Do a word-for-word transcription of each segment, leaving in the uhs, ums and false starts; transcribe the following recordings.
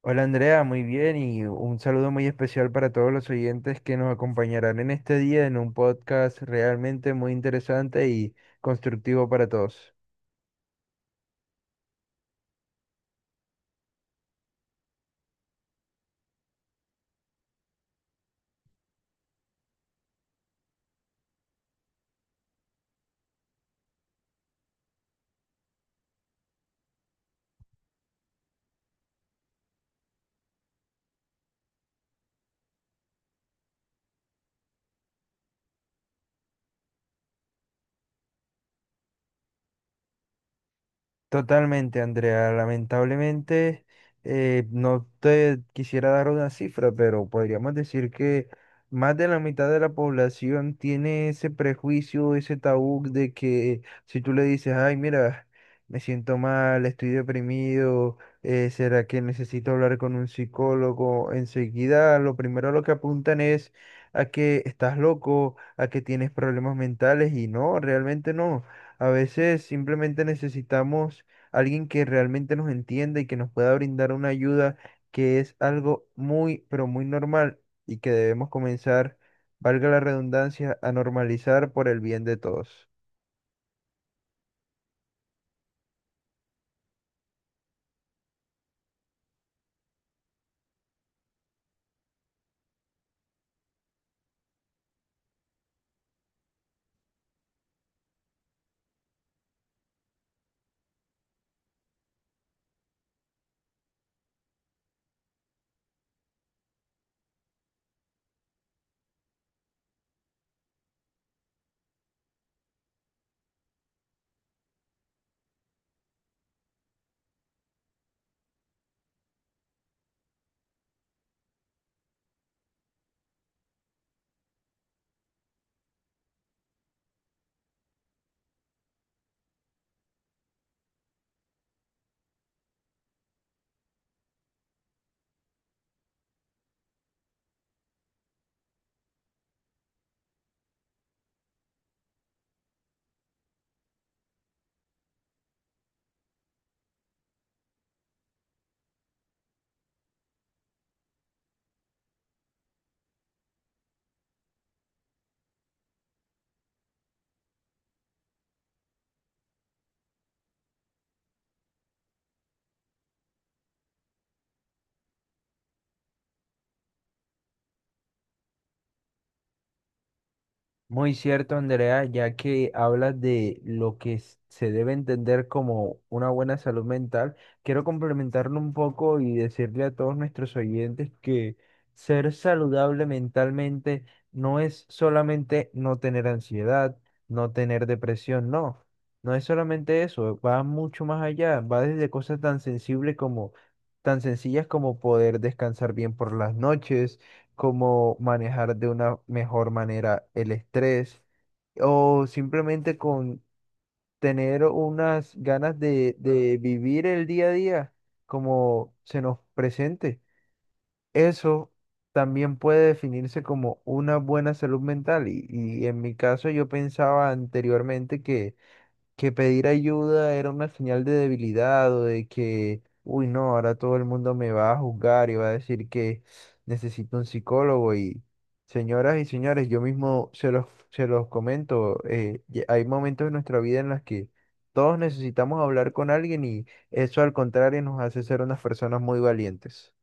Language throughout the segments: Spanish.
Hola, Andrea, muy bien y un saludo muy especial para todos los oyentes que nos acompañarán en este día en un podcast realmente muy interesante y constructivo para todos. Totalmente, Andrea. Lamentablemente, eh, no te quisiera dar una cifra, pero podríamos decir que más de la mitad de la población tiene ese prejuicio, ese tabú de que si tú le dices, ay, mira, me siento mal, estoy deprimido, eh, ¿será que necesito hablar con un psicólogo? Enseguida, lo primero a lo que apuntan es a que estás loco, a que tienes problemas mentales y no, realmente no. A veces simplemente necesitamos alguien que realmente nos entienda y que nos pueda brindar una ayuda que es algo muy, pero muy normal y que debemos comenzar, valga la redundancia, a normalizar por el bien de todos. Muy cierto, Andrea, ya que hablas de lo que s- se debe entender como una buena salud mental, quiero complementarlo un poco y decirle a todos nuestros oyentes que ser saludable mentalmente no es solamente no tener ansiedad, no tener depresión, no, no es solamente eso, va mucho más allá, va desde cosas tan sensibles como, tan sencillas como poder descansar bien por las noches, cómo manejar de una mejor manera el estrés o simplemente con tener unas ganas de, de vivir el día a día como se nos presente. Eso también puede definirse como una buena salud mental. Y, y en mi caso yo pensaba anteriormente que que pedir ayuda era una señal de debilidad o de que, uy, no, ahora todo el mundo me va a juzgar y va a decir que necesito un psicólogo. Y señoras y señores, yo mismo se los, se los comento, eh, ye- hay momentos en nuestra vida en las que todos necesitamos hablar con alguien y eso al contrario nos hace ser unas personas muy valientes.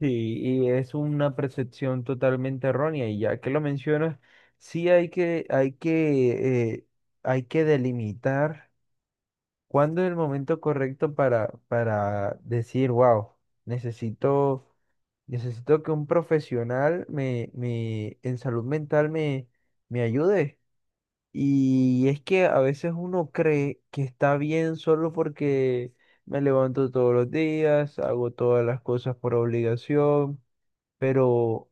Sí, y es una percepción totalmente errónea y ya que lo mencionas, sí hay que, hay que, eh, hay que delimitar. ¿Cuándo es el momento correcto para, para decir, wow, necesito, necesito que un profesional me, me, en salud mental me, me ayude? Y es que a veces uno cree que está bien solo porque me levanto todos los días, hago todas las cosas por obligación, pero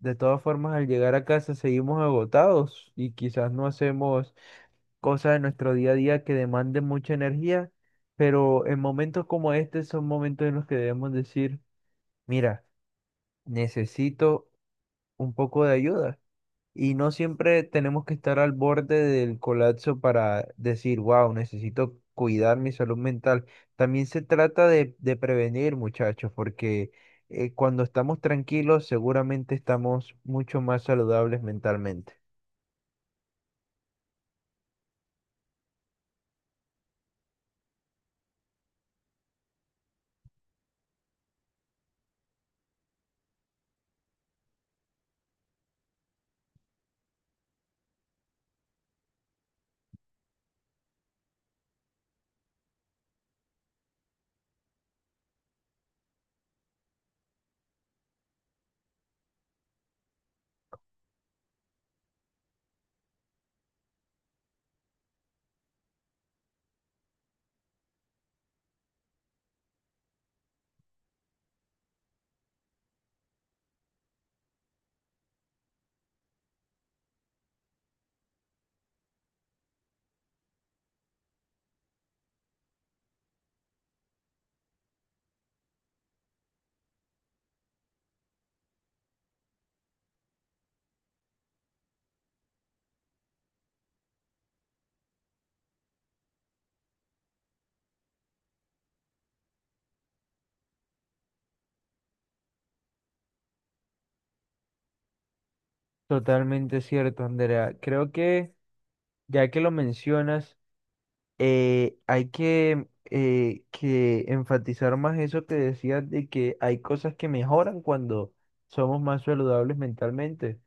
de todas formas al llegar a casa seguimos agotados y quizás no hacemos cosas de nuestro día a día que demanden mucha energía, pero en momentos como este son momentos en los que debemos decir, mira, necesito un poco de ayuda. Y no siempre tenemos que estar al borde del colapso para decir, wow, necesito cuidar mi salud mental. También se trata de, de prevenir, muchachos, porque eh, cuando estamos tranquilos, seguramente estamos mucho más saludables mentalmente. Totalmente cierto, Andrea. Creo que ya que lo mencionas, eh, hay que, eh, que enfatizar más eso que decías de que hay cosas que mejoran cuando somos más saludables mentalmente.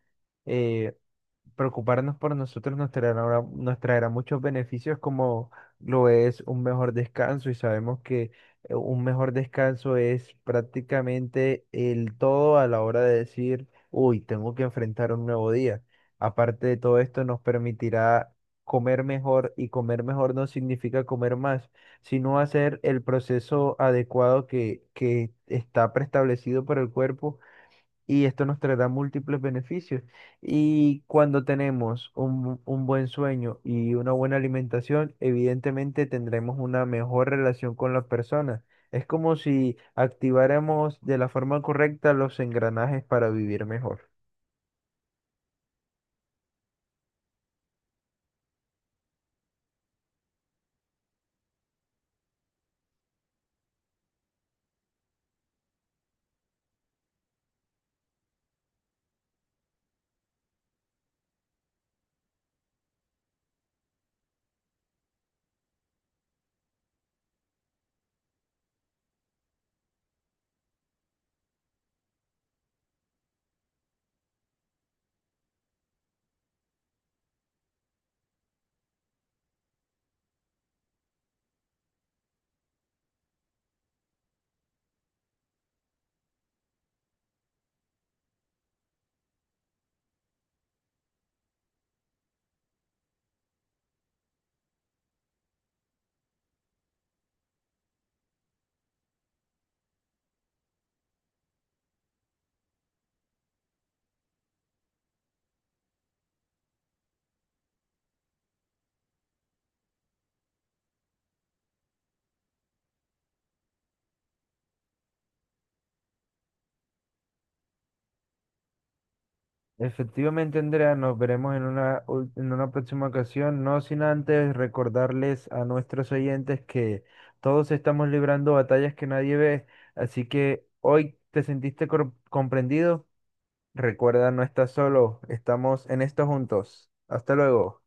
Eh, Preocuparnos por nosotros nos traerá, nos traerá muchos beneficios como lo es un mejor descanso y sabemos que eh, un mejor descanso es prácticamente el todo a la hora de decir, uy, tengo que enfrentar un nuevo día. Aparte de todo esto, nos permitirá comer mejor, y comer mejor no significa comer más, sino hacer el proceso adecuado que, que está preestablecido por el cuerpo, y esto nos traerá múltiples beneficios. Y cuando tenemos un, un buen sueño y una buena alimentación, evidentemente tendremos una mejor relación con las personas. Es como si activáramos de la forma correcta los engranajes para vivir mejor. Efectivamente, Andrea, nos veremos en una, ul- en una próxima ocasión, no sin antes recordarles a nuestros oyentes que todos estamos librando batallas que nadie ve, así que hoy te sentiste cor- comprendido. Recuerda, no estás solo, estamos en esto juntos. Hasta luego.